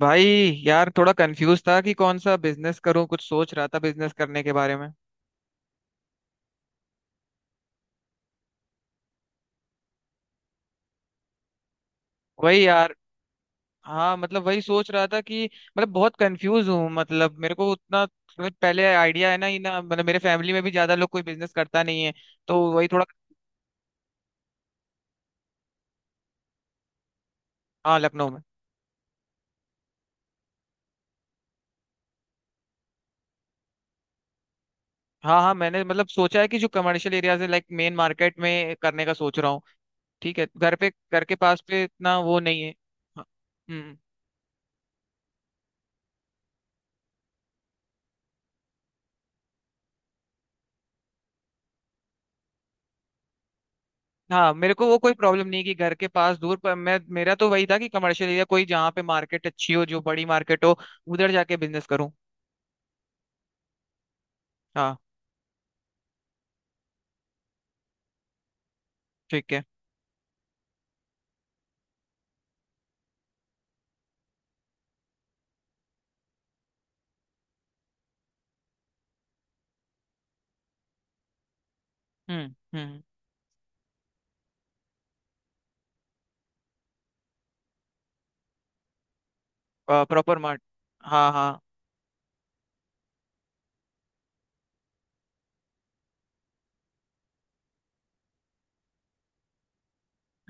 भाई, यार थोड़ा कंफ्यूज था कि कौन सा बिजनेस करूं। कुछ सोच रहा था बिजनेस करने के बारे में। वही यार। हाँ, मतलब वही सोच रहा था कि मतलब बहुत कंफ्यूज हूँ। मतलब मेरे को उतना मतलब पहले आइडिया है ना ही ना, मतलब मेरे फैमिली में भी ज्यादा लोग कोई बिजनेस करता नहीं है। तो वही थोड़ा। हाँ, लखनऊ में। हाँ हाँ, मैंने मतलब सोचा है कि जो कमर्शियल एरियाज है लाइक मेन मार्केट में करने का सोच रहा हूँ। ठीक है। घर के पास पे इतना वो नहीं है। हाँ, हम्म। हाँ, मेरे को वो कोई प्रॉब्लम नहीं कि घर के पास दूर पर। मैं मेरा तो वही था कि कमर्शियल एरिया कोई जहाँ पे मार्केट अच्छी हो, जो बड़ी मार्केट हो उधर जाके बिजनेस करूँ। हाँ, ठीक है। हम्म। Proper mart. हाँ हाँ।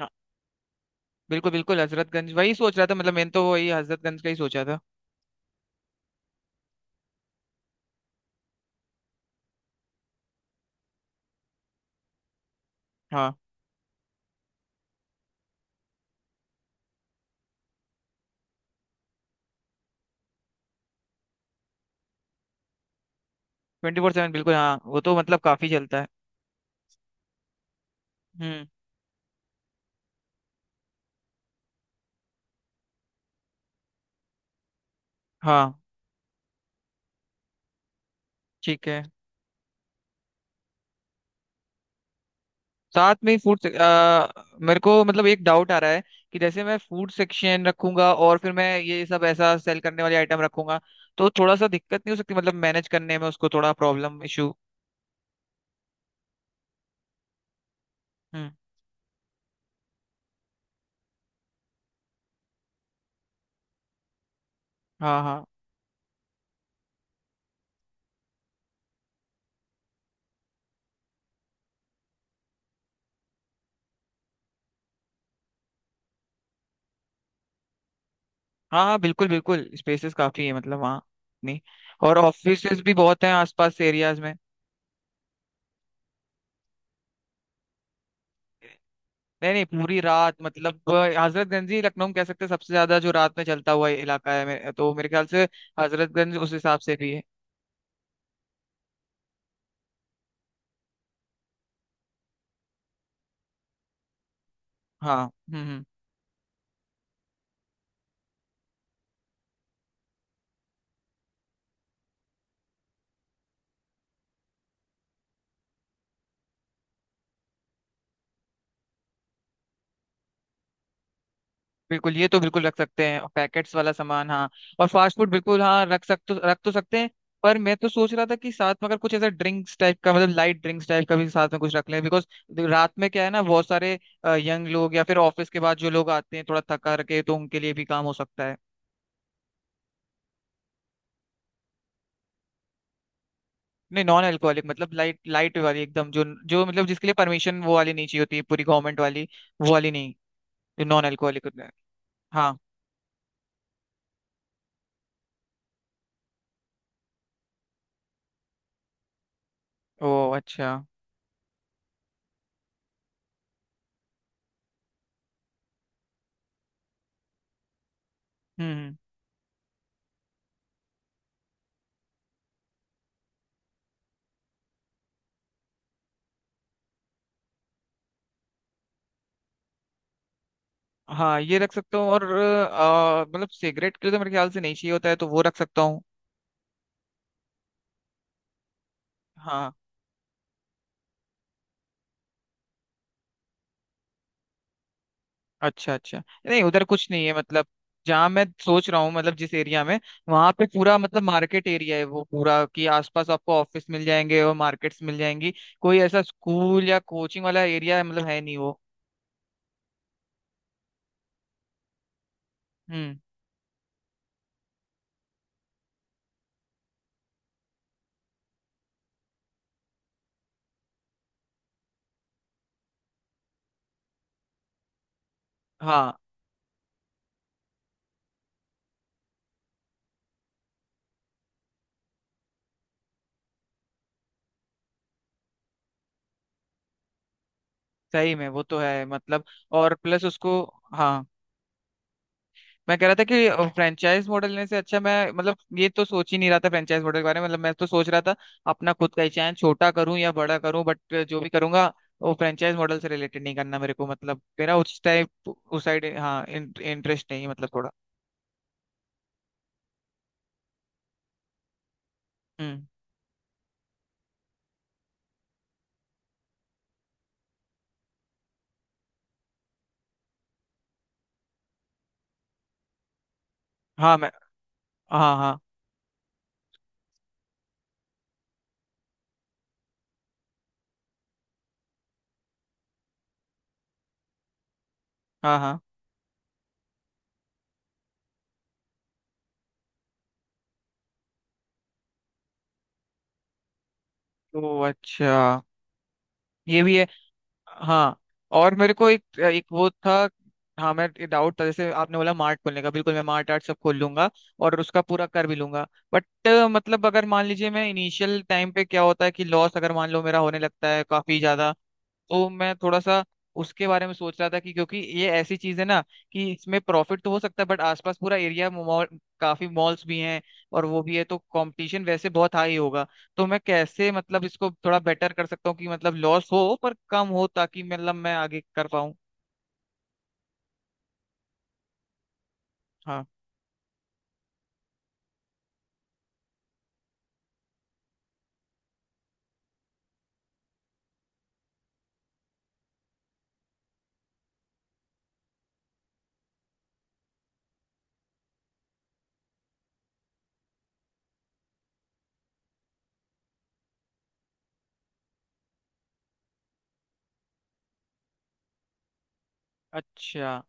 हाँ बिल्कुल बिल्कुल, हजरतगंज वही सोच रहा था। मतलब मैंने तो वही हजरतगंज का ही सोचा था। हाँ, 24/7, बिल्कुल। हाँ, वो तो मतलब काफी चलता है। हम्म। हाँ, ठीक है। साथ में ही फूड? मेरे को मतलब एक डाउट आ रहा है कि जैसे मैं फूड सेक्शन रखूंगा और फिर मैं ये सब ऐसा सेल करने वाली आइटम रखूंगा, तो थोड़ा सा दिक्कत नहीं हो सकती? मतलब मैनेज करने में उसको थोड़ा प्रॉब्लम, इशू। हम्म। हाँ हाँ। हाँ हाँ, बिल्कुल बिल्कुल। स्पेसेस काफी है मतलब वहाँ। नहीं। और ऑफिसेज भी बहुत हैं आसपास एरियाज में। नहीं नहीं, पूरी रात, मतलब हजरतगंज ही लखनऊ में कह सकते हैं सबसे ज्यादा जो रात में चलता हुआ इलाका है। तो मेरे ख्याल से हजरतगंज उस हिसाब से भी है। हाँ। हम्म। बिल्कुल, ये तो बिल्कुल रख सकते हैं, पैकेट्स वाला सामान, हाँ। और फास्ट फूड बिल्कुल, हाँ, रख तो सकते हैं। पर मैं तो सोच रहा था कि साथ में अगर कुछ ऐसा ड्रिंक्स टाइप का, मतलब लाइट ड्रिंक्स टाइप का भी साथ में कुछ रख लें, बिकॉज रात में क्या है ना, बहुत सारे यंग लोग या फिर ऑफिस के बाद जो लोग आते हैं थोड़ा थका रखे, तो उनके लिए भी काम हो सकता है। नहीं, नॉन अल्कोहलिक मतलब लाइट लाइट वाली एकदम, जो जो मतलब जिसके लिए परमिशन वो वाली नहीं चाहिए होती है पूरी गवर्नमेंट वाली, वो वाली नहीं, जो नॉन अल्कोहलिक होता है। हाँ। ओ, अच्छा। हम्म हम्म। हाँ, ये रख सकता हूँ और मतलब सिगरेट के लिए तो मेरे ख्याल से नहीं चाहिए होता है, तो वो रख सकता हूँ। हाँ। अच्छा अच्छा। नहीं, उधर कुछ नहीं है, मतलब जहाँ मैं सोच रहा हूँ, मतलब जिस एरिया में वहां पे पूरा मतलब मार्केट एरिया है वो पूरा, कि आसपास आपको ऑफिस मिल जाएंगे और मार्केट्स मिल जाएंगी। कोई ऐसा स्कूल या कोचिंग वाला एरिया मतलब है नहीं वो। हम्म। हाँ, सही में वो तो है मतलब। और प्लस उसको। हाँ। मैं कह रहा था कि फ्रेंचाइज मॉडल लेने से अच्छा, मैं मतलब ये तो सोच ही नहीं रहा था फ्रेंचाइज मॉडल के बारे में। मतलब मैं तो सोच रहा था अपना खुद का ही चैनल, छोटा करूं या बड़ा करूं, बट जो भी करूंगा वो फ्रेंचाइज मॉडल से रिलेटेड नहीं करना। मेरे को मतलब मेरा उस टाइप उस साइड, हाँ, इंटरेस्ट नहीं है, मतलब थोड़ा। हम्म। हाँ, मैं। हाँ हाँ। हाँ हाँ। तो अच्छा, ये भी है हाँ। और मेरे को एक एक वो था। हाँ, मैं डाउट था जैसे आपने बोला मार्ट खोलने का। बिल्कुल मैं मार्ट आर्ट सब खोल लूंगा और उसका पूरा कर भी लूंगा। बट मतलब अगर मान लीजिए मैं इनिशियल टाइम पे, क्या होता है कि लॉस अगर मान लो मेरा होने लगता है काफी ज्यादा, तो मैं थोड़ा सा उसके बारे में सोच रहा था कि क्योंकि ये ऐसी चीज है ना, कि इसमें प्रॉफिट तो हो सकता है, बट आसपास पूरा एरिया मॉल, काफी मॉल्स भी हैं और वो भी है, तो कंपटीशन वैसे बहुत हाई होगा। तो मैं कैसे मतलब इसको थोड़ा बेटर कर सकता हूँ कि मतलब लॉस हो पर कम हो, ताकि मतलब मैं आगे कर पाऊँ। हाँ, अच्छा।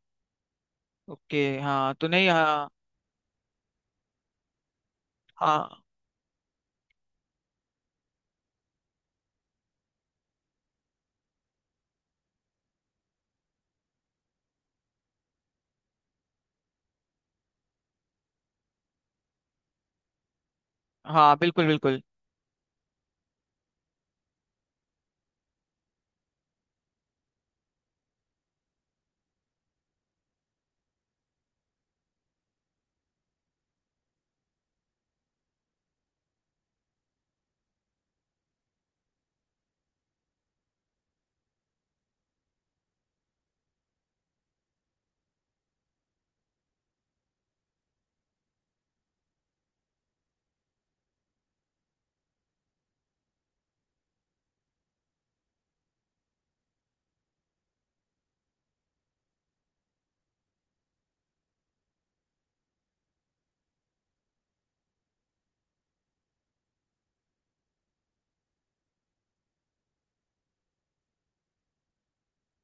ओके, हाँ, तो नहीं, हाँ। हाँ हाँ, बिल्कुल बिल्कुल।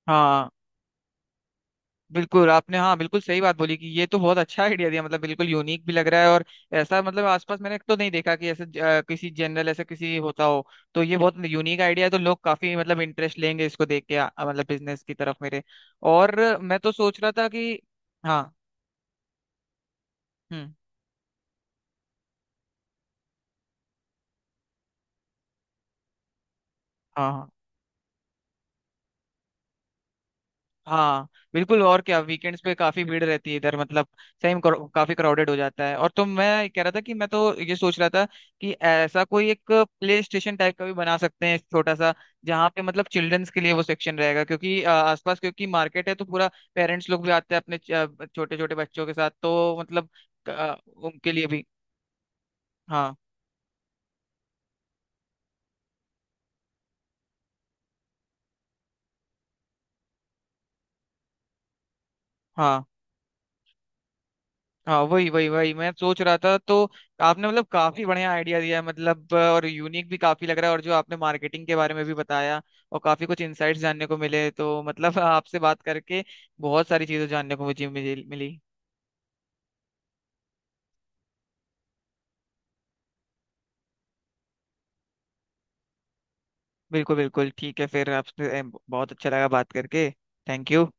हाँ, बिल्कुल आपने, हाँ बिल्कुल सही बात बोली, कि ये तो बहुत अच्छा आइडिया दिया, मतलब बिल्कुल यूनिक भी लग रहा है। और ऐसा मतलब आसपास मैंने तो नहीं देखा कि ऐसे किसी जनरल ऐसा किसी होता हो, तो ये बहुत यूनिक आइडिया है। तो लोग काफी मतलब इंटरेस्ट लेंगे इसको देख के, मतलब बिजनेस की तरफ मेरे। और मैं तो सोच रहा था कि। हाँ। हम्म। हाँ हाँ। हाँ बिल्कुल। और क्या, वीकेंड्स पे काफी भीड़ रहती है इधर, मतलब सही में काफी क्राउडेड हो जाता है। और तो मैं कह रहा था कि मैं तो ये सोच रहा था कि ऐसा कोई एक प्ले स्टेशन टाइप का भी बना सकते हैं छोटा सा, जहाँ पे मतलब चिल्ड्रंस के लिए वो सेक्शन रहेगा, क्योंकि आसपास क्योंकि मार्केट है तो पूरा पेरेंट्स लोग भी आते हैं अपने छोटे छोटे बच्चों के साथ, तो मतलब उनके लिए भी। हाँ हाँ। हाँ, वही वही वही मैं सोच रहा था तो। आपने मतलब काफी बढ़िया आइडिया दिया है, मतलब और यूनिक भी काफी लग रहा है, और जो आपने मार्केटिंग के बारे में भी बताया, और काफी कुछ इंसाइट्स जानने को मिले, तो मतलब आपसे बात करके बहुत सारी चीजें जानने को मुझे मिली मिली। बिल्कुल बिल्कुल, ठीक है। फिर आपसे बहुत अच्छा लगा बात करके। Thank you.